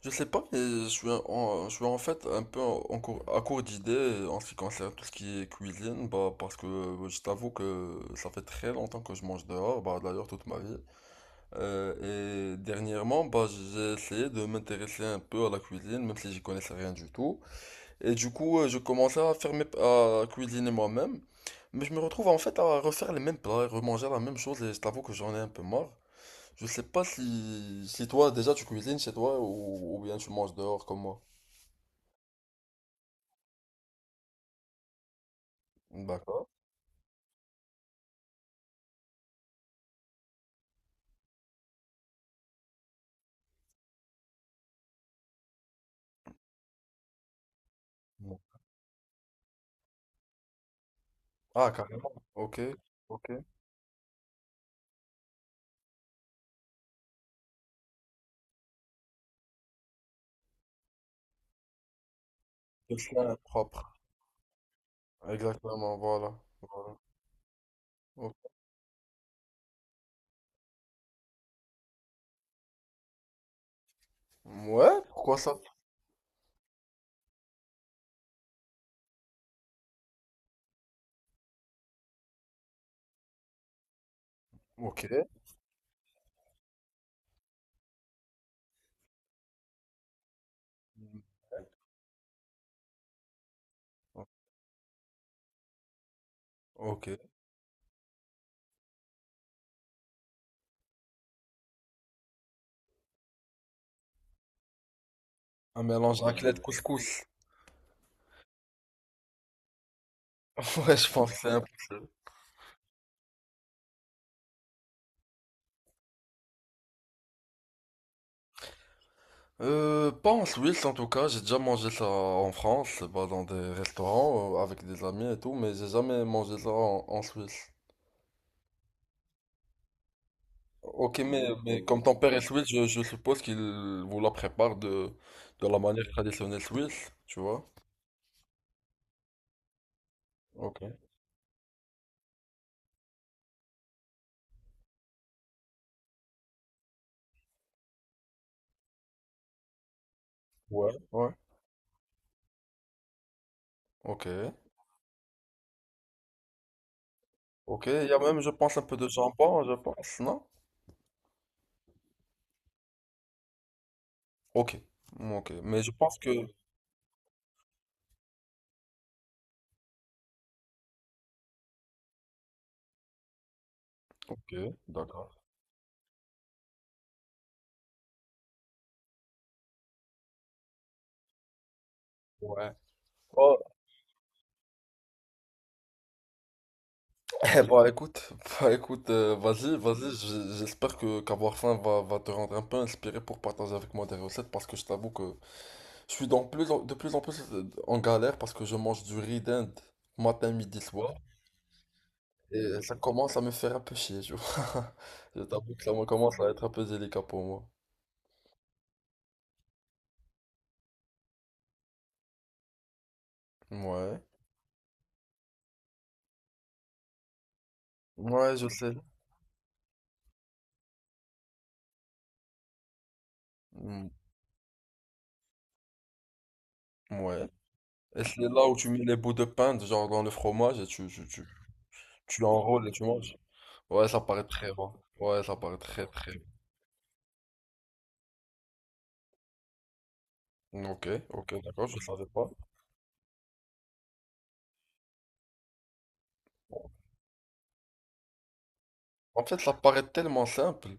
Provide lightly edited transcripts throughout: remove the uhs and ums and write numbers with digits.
Je sais pas, mais je suis en fait un peu à court d'idées en ce qui concerne tout ce qui est cuisine, bah, parce que je t'avoue que ça fait très longtemps que je mange dehors, bah, d'ailleurs toute ma vie. Et dernièrement, bah, j'ai essayé de m'intéresser un peu à la cuisine, même si j'y connaissais rien du tout. Et du coup, je commençais à faire à cuisiner moi-même, mais je me retrouve en fait à refaire les mêmes plats et remanger la même chose, et je t'avoue que j'en ai un peu marre. Je sais pas si toi déjà tu cuisines chez toi ou bien tu manges dehors comme moi. D'accord. Non. Ah, carrément. Ok. Ok. Quelqu'un est propre. Exactement, voilà. Voilà. Ok. Ouais, pourquoi ça? Ok. Ok. Un mélange raclette couscous. Ouais, je pense que c'est impossible. Pas en Suisse en tout cas, j'ai déjà mangé ça en France, bah, dans des restaurants avec des amis et tout, mais j'ai jamais mangé ça en Suisse. Ok, mais comme ton père est suisse, je suppose qu'il vous la prépare de la manière traditionnelle suisse, tu vois? Ok. Ouais, ouais. Ok. Ok, il y a même, je pense, un peu de jambon, je pense, non? Ok. Ok, mais je pense que... Ok, d'accord. Ouais. Oh, bah écoute, bah écoute, vas-y, vas-y, j'espère que qu'avoir faim va, te rendre un peu inspiré pour partager avec moi des recettes parce que je t'avoue que je suis de plus en plus en galère parce que je mange du riz d'Inde matin, midi, soir. Et ça commence à me faire un peu chier, tu vois. Je t'avoue que ça me commence à être un peu délicat pour moi. Ouais. Ouais, je sais. Mm, ouais. Et c'est là où tu mets les bouts de pain, genre dans le fromage, et tu enrôles et tu manges. Ouais, ça paraît très bon. Ouais, ça paraît très très bon. Ok, ok, d'accord, je savais pas. En fait, ça paraît tellement simple,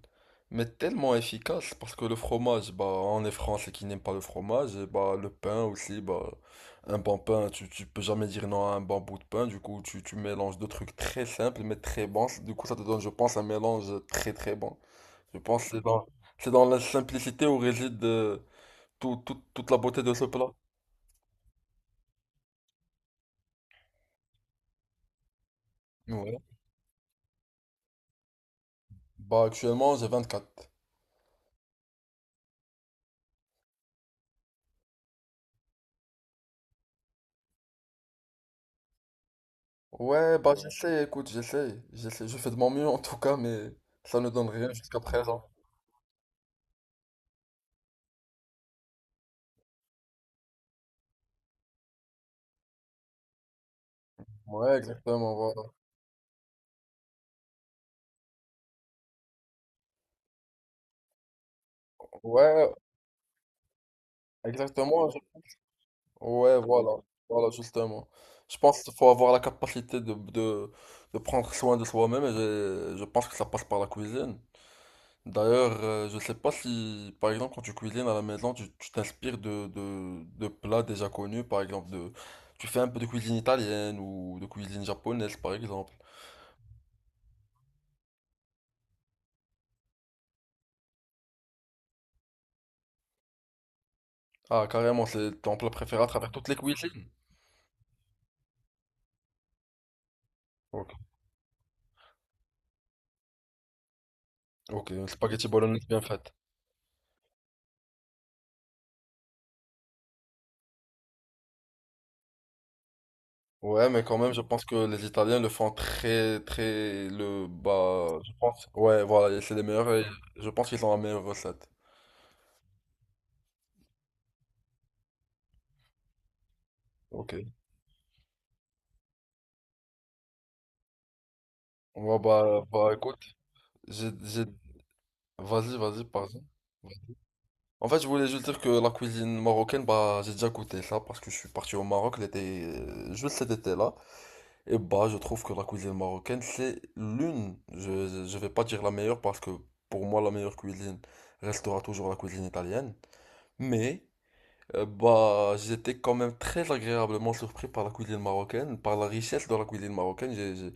mais tellement efficace, parce que le fromage, bah, on est français qui n'aime pas le fromage, et bah, le pain aussi, bah, un bon pain, tu peux jamais dire non à un bon bout de pain, du coup, tu mélanges deux trucs très simples, mais très bons, du coup, ça te donne, je pense, un mélange très très bon. Je pense c'est dans la simplicité où réside toute la beauté de ce plat. Ouais. Bah, actuellement, j'ai 24. Ouais, bah, j'essaie, écoute, je fais de mon mieux en tout cas, mais ça ne donne rien jusqu'à présent. Ouais, exactement, voilà. Ouais, exactement. Ouais, voilà. Voilà, justement. Je pense qu'il faut avoir la capacité de prendre soin de soi-même et je pense que ça passe par la cuisine. D'ailleurs, je sais pas si, par exemple, quand tu cuisines à la maison, tu t'inspires de plats déjà connus, par exemple, de, tu fais un peu de cuisine italienne ou de cuisine japonaise, par exemple. Ah, carrément, c'est ton plat préféré à travers toutes les cuisines. Ok, ok, une spaghetti bolognaise bien faite. Ouais, mais quand même, je pense que les Italiens le font très, très, le, bah, je pense, ouais, voilà, et c'est les meilleurs, et je pense qu'ils ont la meilleure recette. Ok. Ouais, bah, bah, écoute, j'ai, j'ai, vas-y, vas-y, pardon. En fait, je voulais juste dire que la cuisine marocaine, bah, j'ai déjà goûté ça parce que je suis parti au Maroc l'été, juste cet été-là. Et bah, je trouve que la cuisine marocaine, c'est l'une, je vais pas dire la meilleure parce que pour moi, la meilleure cuisine restera toujours la cuisine italienne. Mais, bah, j'étais quand même très agréablement surpris par la cuisine marocaine, par la richesse de la cuisine marocaine. J'ai- j'ai-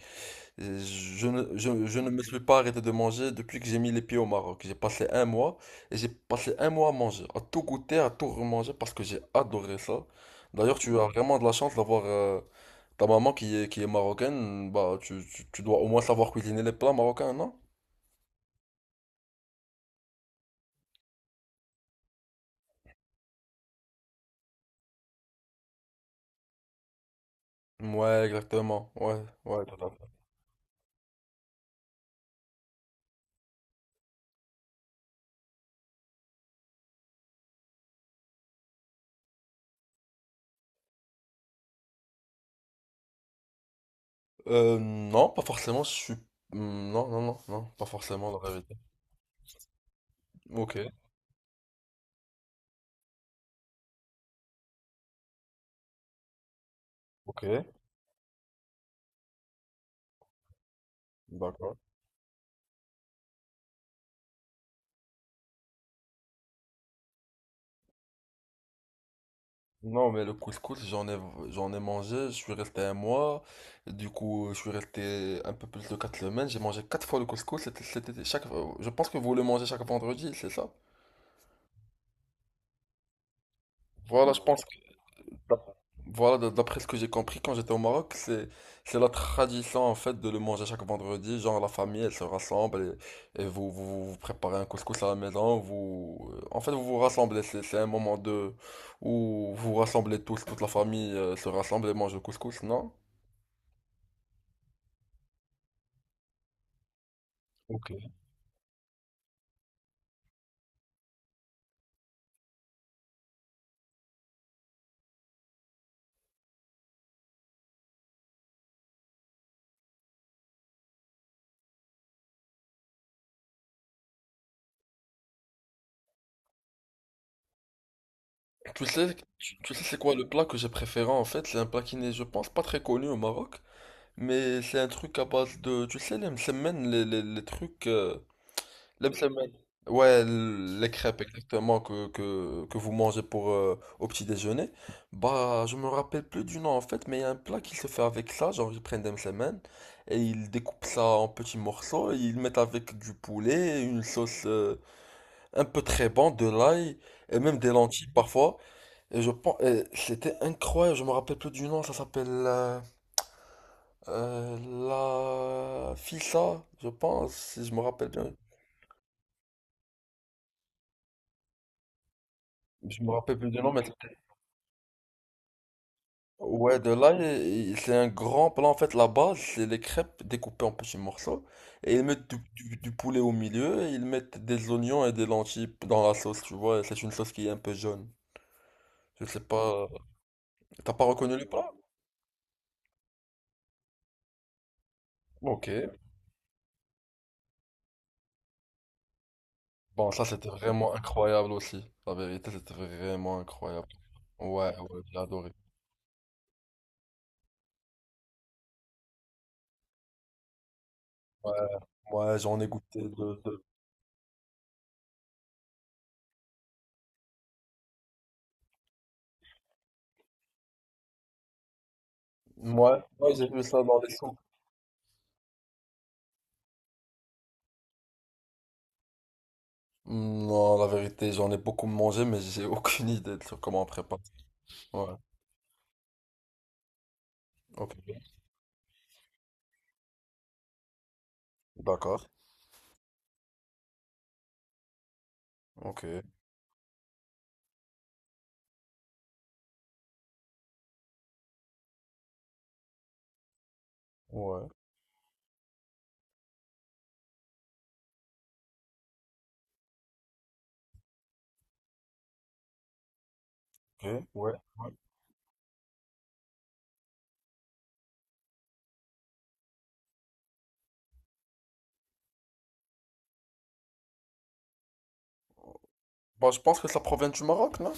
j'ai- je ne, je, Je ne me suis pas arrêté de manger depuis que j'ai mis les pieds au Maroc. J'ai passé un mois et j'ai passé un mois à manger, à tout goûter, à tout remanger parce que j'ai adoré ça. D'ailleurs, tu as vraiment de la chance d'avoir ta maman qui est marocaine. Bah, tu dois au moins savoir cuisiner les plats marocains, non? Ouais, exactement. Ouais, ouais, tout à fait. Non, pas forcément. Je suis. Hmm, non, non, non, non, pas forcément. La vérité. Ok, ok, d'accord. Non, mais le couscous, j'en ai mangé, je suis resté un mois, du coup, je suis resté un peu plus de quatre semaines, j'ai mangé quatre fois le couscous, c'était chaque, je pense que vous le mangez chaque vendredi, c'est ça? Voilà, je pense. D'accord. Voilà, d'après ce que j'ai compris quand j'étais au Maroc, c'est la tradition en fait de le manger chaque vendredi. Genre la famille, elle se rassemble et vous, vous vous préparez un couscous à la maison. Vous en fait vous vous rassemblez. C'est un moment de où vous vous rassemblez tous, toute la famille se rassemble et mange le couscous, non? Ok. Tu sais, tu sais c'est quoi le plat que j'ai préféré en fait? C'est un plat qui n'est, je pense, pas très connu au Maroc, mais c'est un truc à base de, tu sais, les msemen, les trucs, euh. Les msemen. Ouais, les crêpes exactement que vous mangez pour au petit déjeuner. Bah, je me rappelle plus du nom en fait, mais il y a un plat qui se fait avec ça, genre ils prennent des msemen et ils découpent ça en petits morceaux, et ils mettent avec du poulet, une sauce un peu très bon de l'ail et même des lentilles parfois. Et je pense, et c'était incroyable, je me rappelle plus du nom, ça s'appelle euh, la fissa, je pense, si je me rappelle bien. Je me rappelle plus du nom, mais ouais, de là, il- c'est un grand plat. En fait, la base, c'est les crêpes découpées en petits morceaux. Et ils mettent du poulet au milieu et ils mettent des oignons et des lentilles dans la sauce, tu vois. Et c'est une sauce qui est un peu jaune. Je sais pas. T'as pas reconnu le plat? Ok. Bon, ça, c'était vraiment incroyable aussi. La vérité, c'était vraiment incroyable. Ouais, ouais, j'ai adoré. Ouais, ouais, j'en ai goûté deux, deux. Ouais, ouais, j'ai vu ça dans les sons. Non, la vérité, j'en ai beaucoup mangé, mais j'ai aucune idée de sur comment on prépare. Ouais. Ok, d'accord. Ok, ouais, ok, ouais, ouais. Bah, je pense que ça provient du Maroc, non?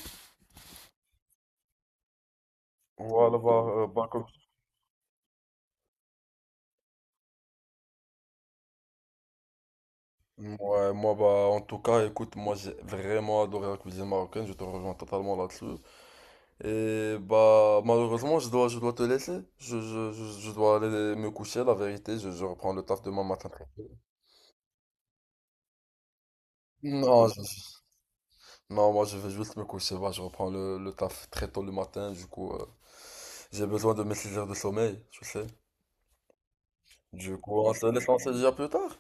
Voilà, bah, euh, bah, comme- ouais, moi, bah, en tout cas, écoute, moi, j'ai vraiment adoré la cuisine marocaine, je te rejoins totalement là-dessus. Et, bah, malheureusement, je dois te laisser. Je dois aller me coucher, la vérité, je reprends le taf demain matin très tôt. Non, non, moi, je vais juste me coucher, bah, je reprends le taf très tôt le matin, du coup, j'ai besoin de mes 6 heures de sommeil, tu sais. Du coup, on se laisse en se dire plus tard.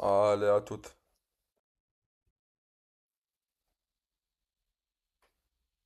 Allez, à toute.